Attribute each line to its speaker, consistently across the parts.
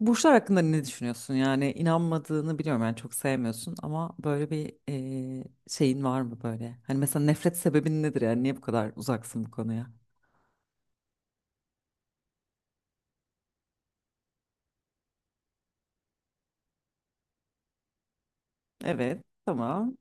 Speaker 1: Burçlar hakkında ne düşünüyorsun? Yani inanmadığını biliyorum yani çok sevmiyorsun ama böyle bir şeyin var mı böyle? Hani mesela nefret sebebin nedir yani niye bu kadar uzaksın bu konuya? Evet, tamam.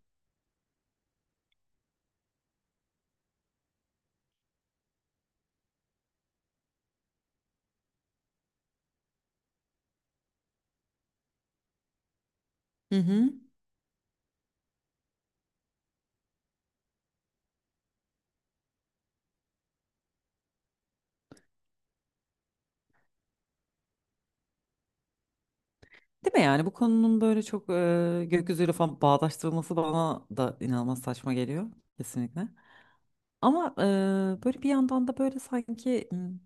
Speaker 1: Hı hı. Değil mi yani bu konunun böyle çok gökyüzüyle falan bağdaştırılması bana da inanılmaz saçma geliyor kesinlikle. Ama böyle bir yandan da böyle sanki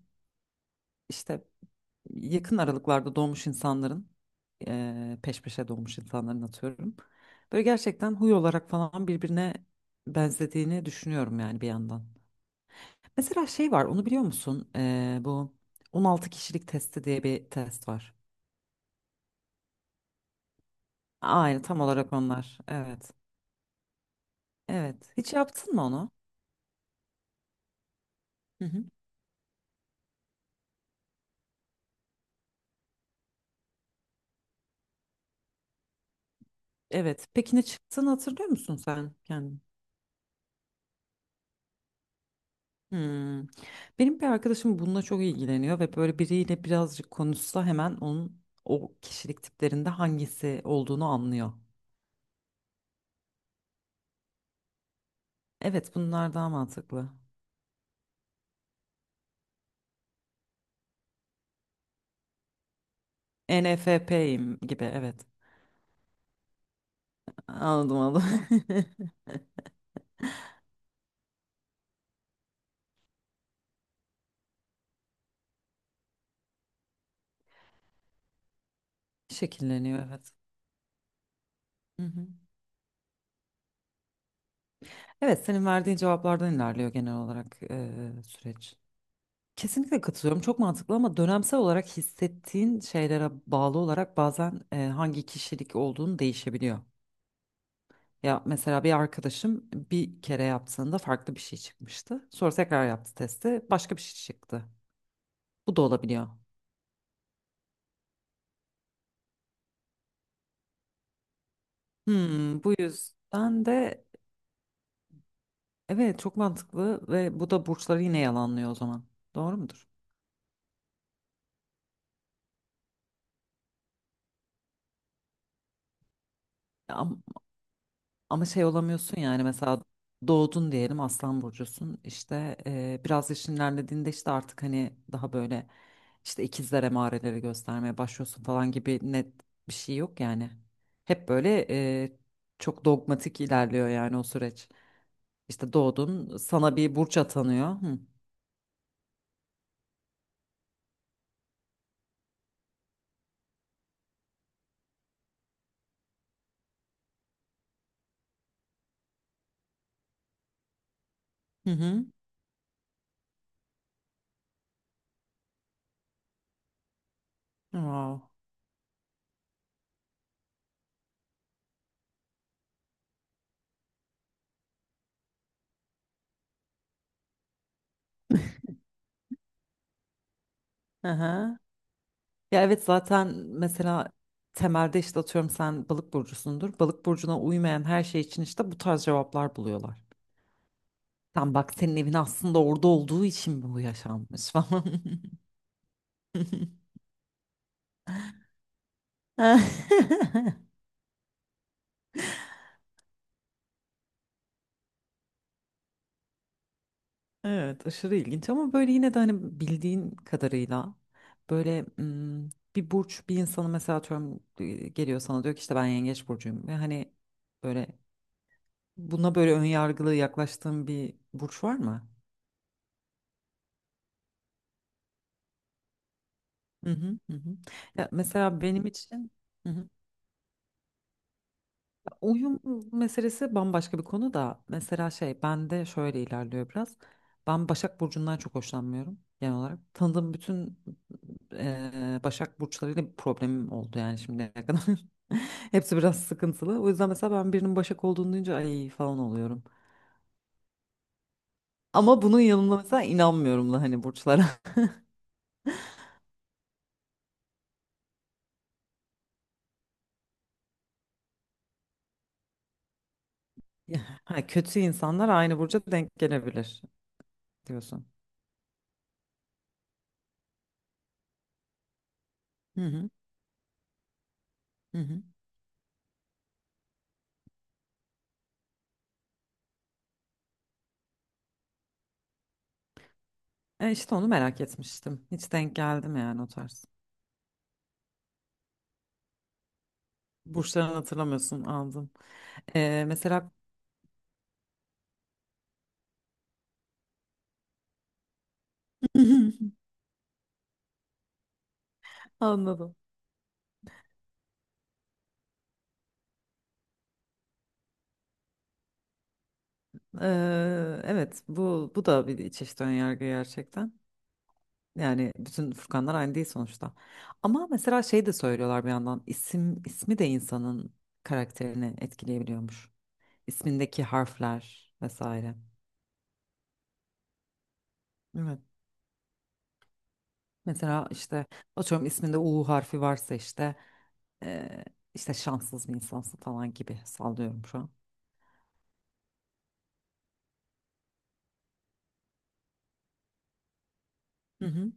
Speaker 1: işte yakın aralıklarda doğmuş insanların peş peşe doğmuş insanların atıyorum. Böyle gerçekten huy olarak falan birbirine benzediğini düşünüyorum yani bir yandan. Mesela şey var onu biliyor musun? Bu 16 kişilik testi diye bir test var. Aynı tam olarak onlar. Evet. Evet. Hiç yaptın mı onu? Hı hı. Evet. Peki ne çıktığını hatırlıyor musun sen? Yani hmm. Benim bir arkadaşım bununla çok ilgileniyor ve böyle biriyle birazcık konuşsa hemen onun o kişilik tiplerinde hangisi olduğunu anlıyor. Evet, bunlar daha mantıklı. ENFP'yim gibi evet. Anladım anladım. Şekilleniyor evet. Hı hı. Evet, senin verdiğin cevaplardan ilerliyor genel olarak süreç. Kesinlikle katılıyorum. Çok mantıklı ama dönemsel olarak hissettiğin şeylere bağlı olarak bazen hangi kişilik olduğunu değişebiliyor. Ya mesela bir arkadaşım bir kere yaptığında farklı bir şey çıkmıştı. Sonra tekrar yaptı testi, başka bir şey çıktı. Bu da olabiliyor. Hmm, bu yüzden de evet çok mantıklı ve bu da burçları yine yalanlıyor o zaman. Doğru mudur? Ya, ama şey olamıyorsun yani mesela doğdun diyelim Aslan burcusun işte biraz yaşın ilerlediğinde işte artık hani daha böyle işte ikizler emareleri göstermeye başlıyorsun falan gibi net bir şey yok yani. Hep böyle e, çok dogmatik ilerliyor yani o süreç. İşte doğdun sana bir burç atanıyor. Hı hı. hı. Wow. Hı hı. Ya evet zaten mesela temelde işte atıyorum sen balık burcusundur. Balık burcuna uymayan her şey için işte bu tarz cevaplar buluyorlar. Tam bak senin evin aslında orada olduğu için bu yaşanmış falan. Evet, aşırı ilginç ama böyle yine de hani bildiğin kadarıyla böyle bir burç bir insanı mesela atıyorum geliyor sana diyor ki işte ben yengeç burcuyum ve hani böyle buna böyle ön yargılı yaklaştığın bir burç var mı? Hı hı, hı hı. Ya mesela benim için hı hı. Uyum meselesi bambaşka bir konu da mesela şey bende şöyle ilerliyor biraz. Ben Başak Burcu'ndan çok hoşlanmıyorum genel olarak. Tanıdığım bütün Başak Burçlarıyla bir problemim oldu yani şimdiye kadar. Hepsi biraz sıkıntılı. O yüzden mesela ben birinin Başak olduğunu duyunca ay falan oluyorum. Ama bunun yanında mesela inanmıyorum da hani burçlara. Ya, ha, kötü insanlar aynı burca denk gelebilir diyorsun. Hı hı, hı hı. E işte onu merak etmiştim. Hiç denk geldim yani o tarz. Burçlarını hatırlamıyorsun anladım. Mesela anladım. Evet bu da bir çeşit önyargı gerçekten. Yani bütün Furkanlar aynı değil sonuçta. Ama mesela şey de söylüyorlar bir yandan isim de insanın karakterini etkileyebiliyormuş. İsmindeki harfler vesaire. Evet. Mesela işte atıyorum isminde U harfi varsa işte e, işte şanssız bir insansın falan gibi sallıyorum şu an. Hı hı.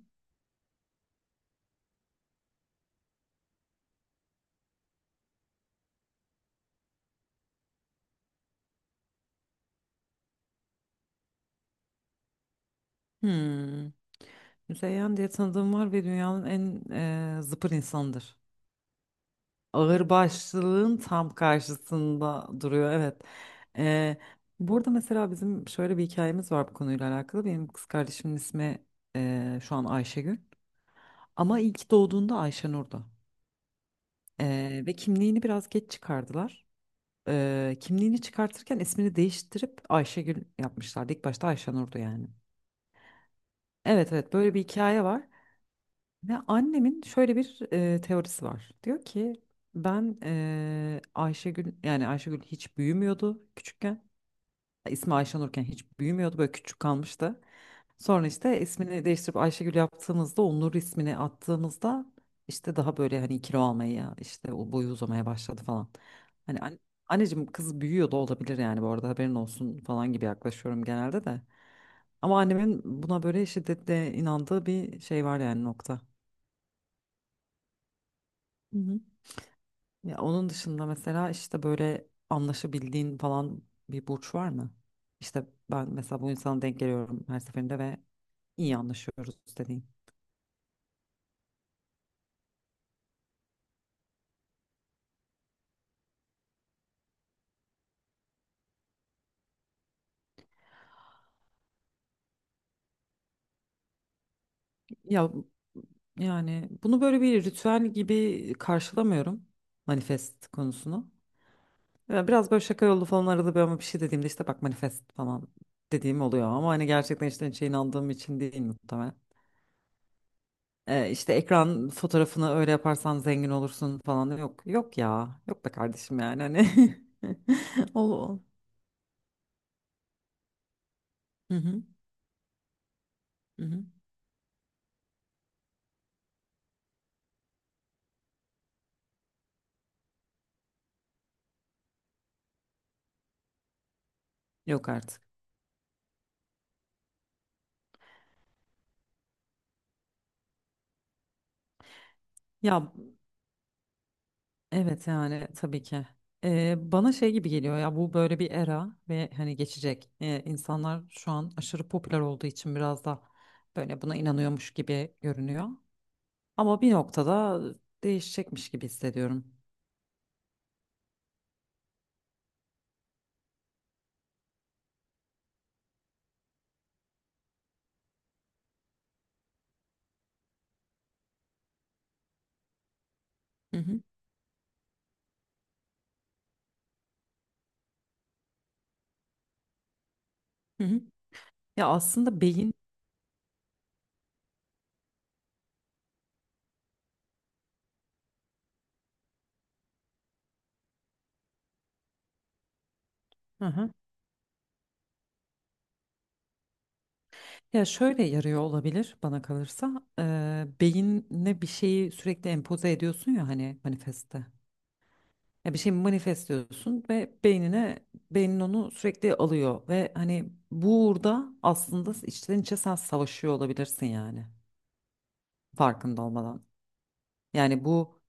Speaker 1: Hmm. Müzeyyen diye tanıdığım var ve dünyanın en zıpır insanıdır. Ağırbaşlılığın tam karşısında duruyor, evet. E, burada mesela bizim şöyle bir hikayemiz var bu konuyla alakalı. Benim kız kardeşimin ismi şu an Ayşegül. Ama ilk doğduğunda Ayşenur'du. Ve kimliğini biraz geç çıkardılar. Kimliğini çıkartırken ismini değiştirip Ayşegül yapmışlardı. İlk başta Ayşenur'du yani. Evet evet böyle bir hikaye var. Ve annemin şöyle bir teorisi var. Diyor ki ben Ayşegül yani Ayşegül hiç büyümüyordu küçükken. Ha, İsmi Ayşenurken hiç büyümüyordu böyle küçük kalmıştı. Sonra işte ismini değiştirip Ayşegül yaptığımızda Onur ismini attığımızda işte daha böyle hani kilo almaya işte o boyu uzamaya başladı falan. Hani an- Anneciğim kız büyüyor da olabilir yani bu arada haberin olsun falan gibi yaklaşıyorum genelde de. Ama annemin buna böyle şiddetle inandığı bir şey var yani nokta. Ya onun dışında mesela işte böyle anlaşabildiğin falan bir burç var mı? İşte ben mesela bu insana denk geliyorum her seferinde ve iyi anlaşıyoruz dediğin. Ya yani bunu böyle bir ritüel gibi karşılamıyorum manifest konusunu. Ya biraz böyle şaka yollu falan arada bir ama bir şey dediğimde işte bak manifest falan dediğim oluyor ama hani gerçekten işte şeyin inandığım için değil muhtemelen. İşte ekran fotoğrafını öyle yaparsan zengin olursun falan yok yok ya yok be kardeşim yani hani ol ol. Hı hı, hı hı. Yok artık ya evet yani tabii ki bana şey gibi geliyor ya bu böyle bir era ve hani geçecek. İnsanlar şu an aşırı popüler olduğu için biraz da böyle buna inanıyormuş gibi görünüyor ama bir noktada değişecekmiş gibi hissediyorum. Hı hı, hı hı. Ya aslında beyin ya şöyle yarıyor olabilir bana kalırsa. Beynine bir şeyi sürekli empoze ediyorsun ya hani manifeste. Ya bir şey manifestliyorsun ve beynin onu sürekli alıyor ve hani burada aslında içten içe sen savaşıyor olabilirsin yani farkında olmadan. Yani bu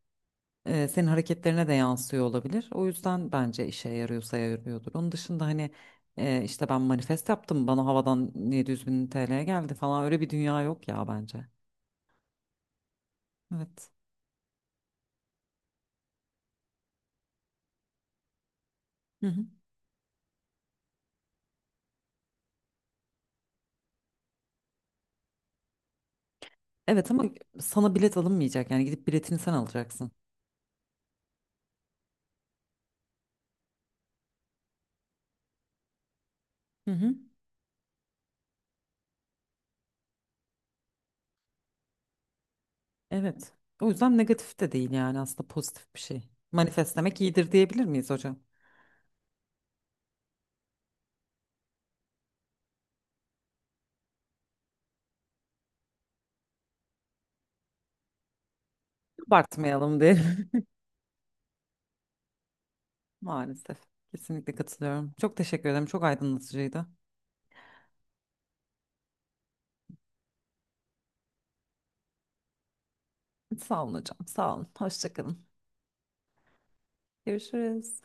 Speaker 1: senin hareketlerine de yansıyor olabilir. O yüzden bence işe yarıyorsa yarıyordur. Onun dışında hani işte ben manifest yaptım bana havadan 700 bin TL geldi falan öyle bir dünya yok ya bence. Evet. Hı hı. Evet ama sana bilet alınmayacak yani gidip biletini sen alacaksın. Hı hı. Evet. O yüzden negatif de değil yani aslında pozitif bir şey. Manifestlemek iyidir diyebilir miyiz hocam? Abartmayalım diye. Maalesef. Kesinlikle katılıyorum. Çok teşekkür ederim. Çok aydınlatıcıydı. Sağ olun hocam. Sağ olun. Hoşça kalın. Görüşürüz.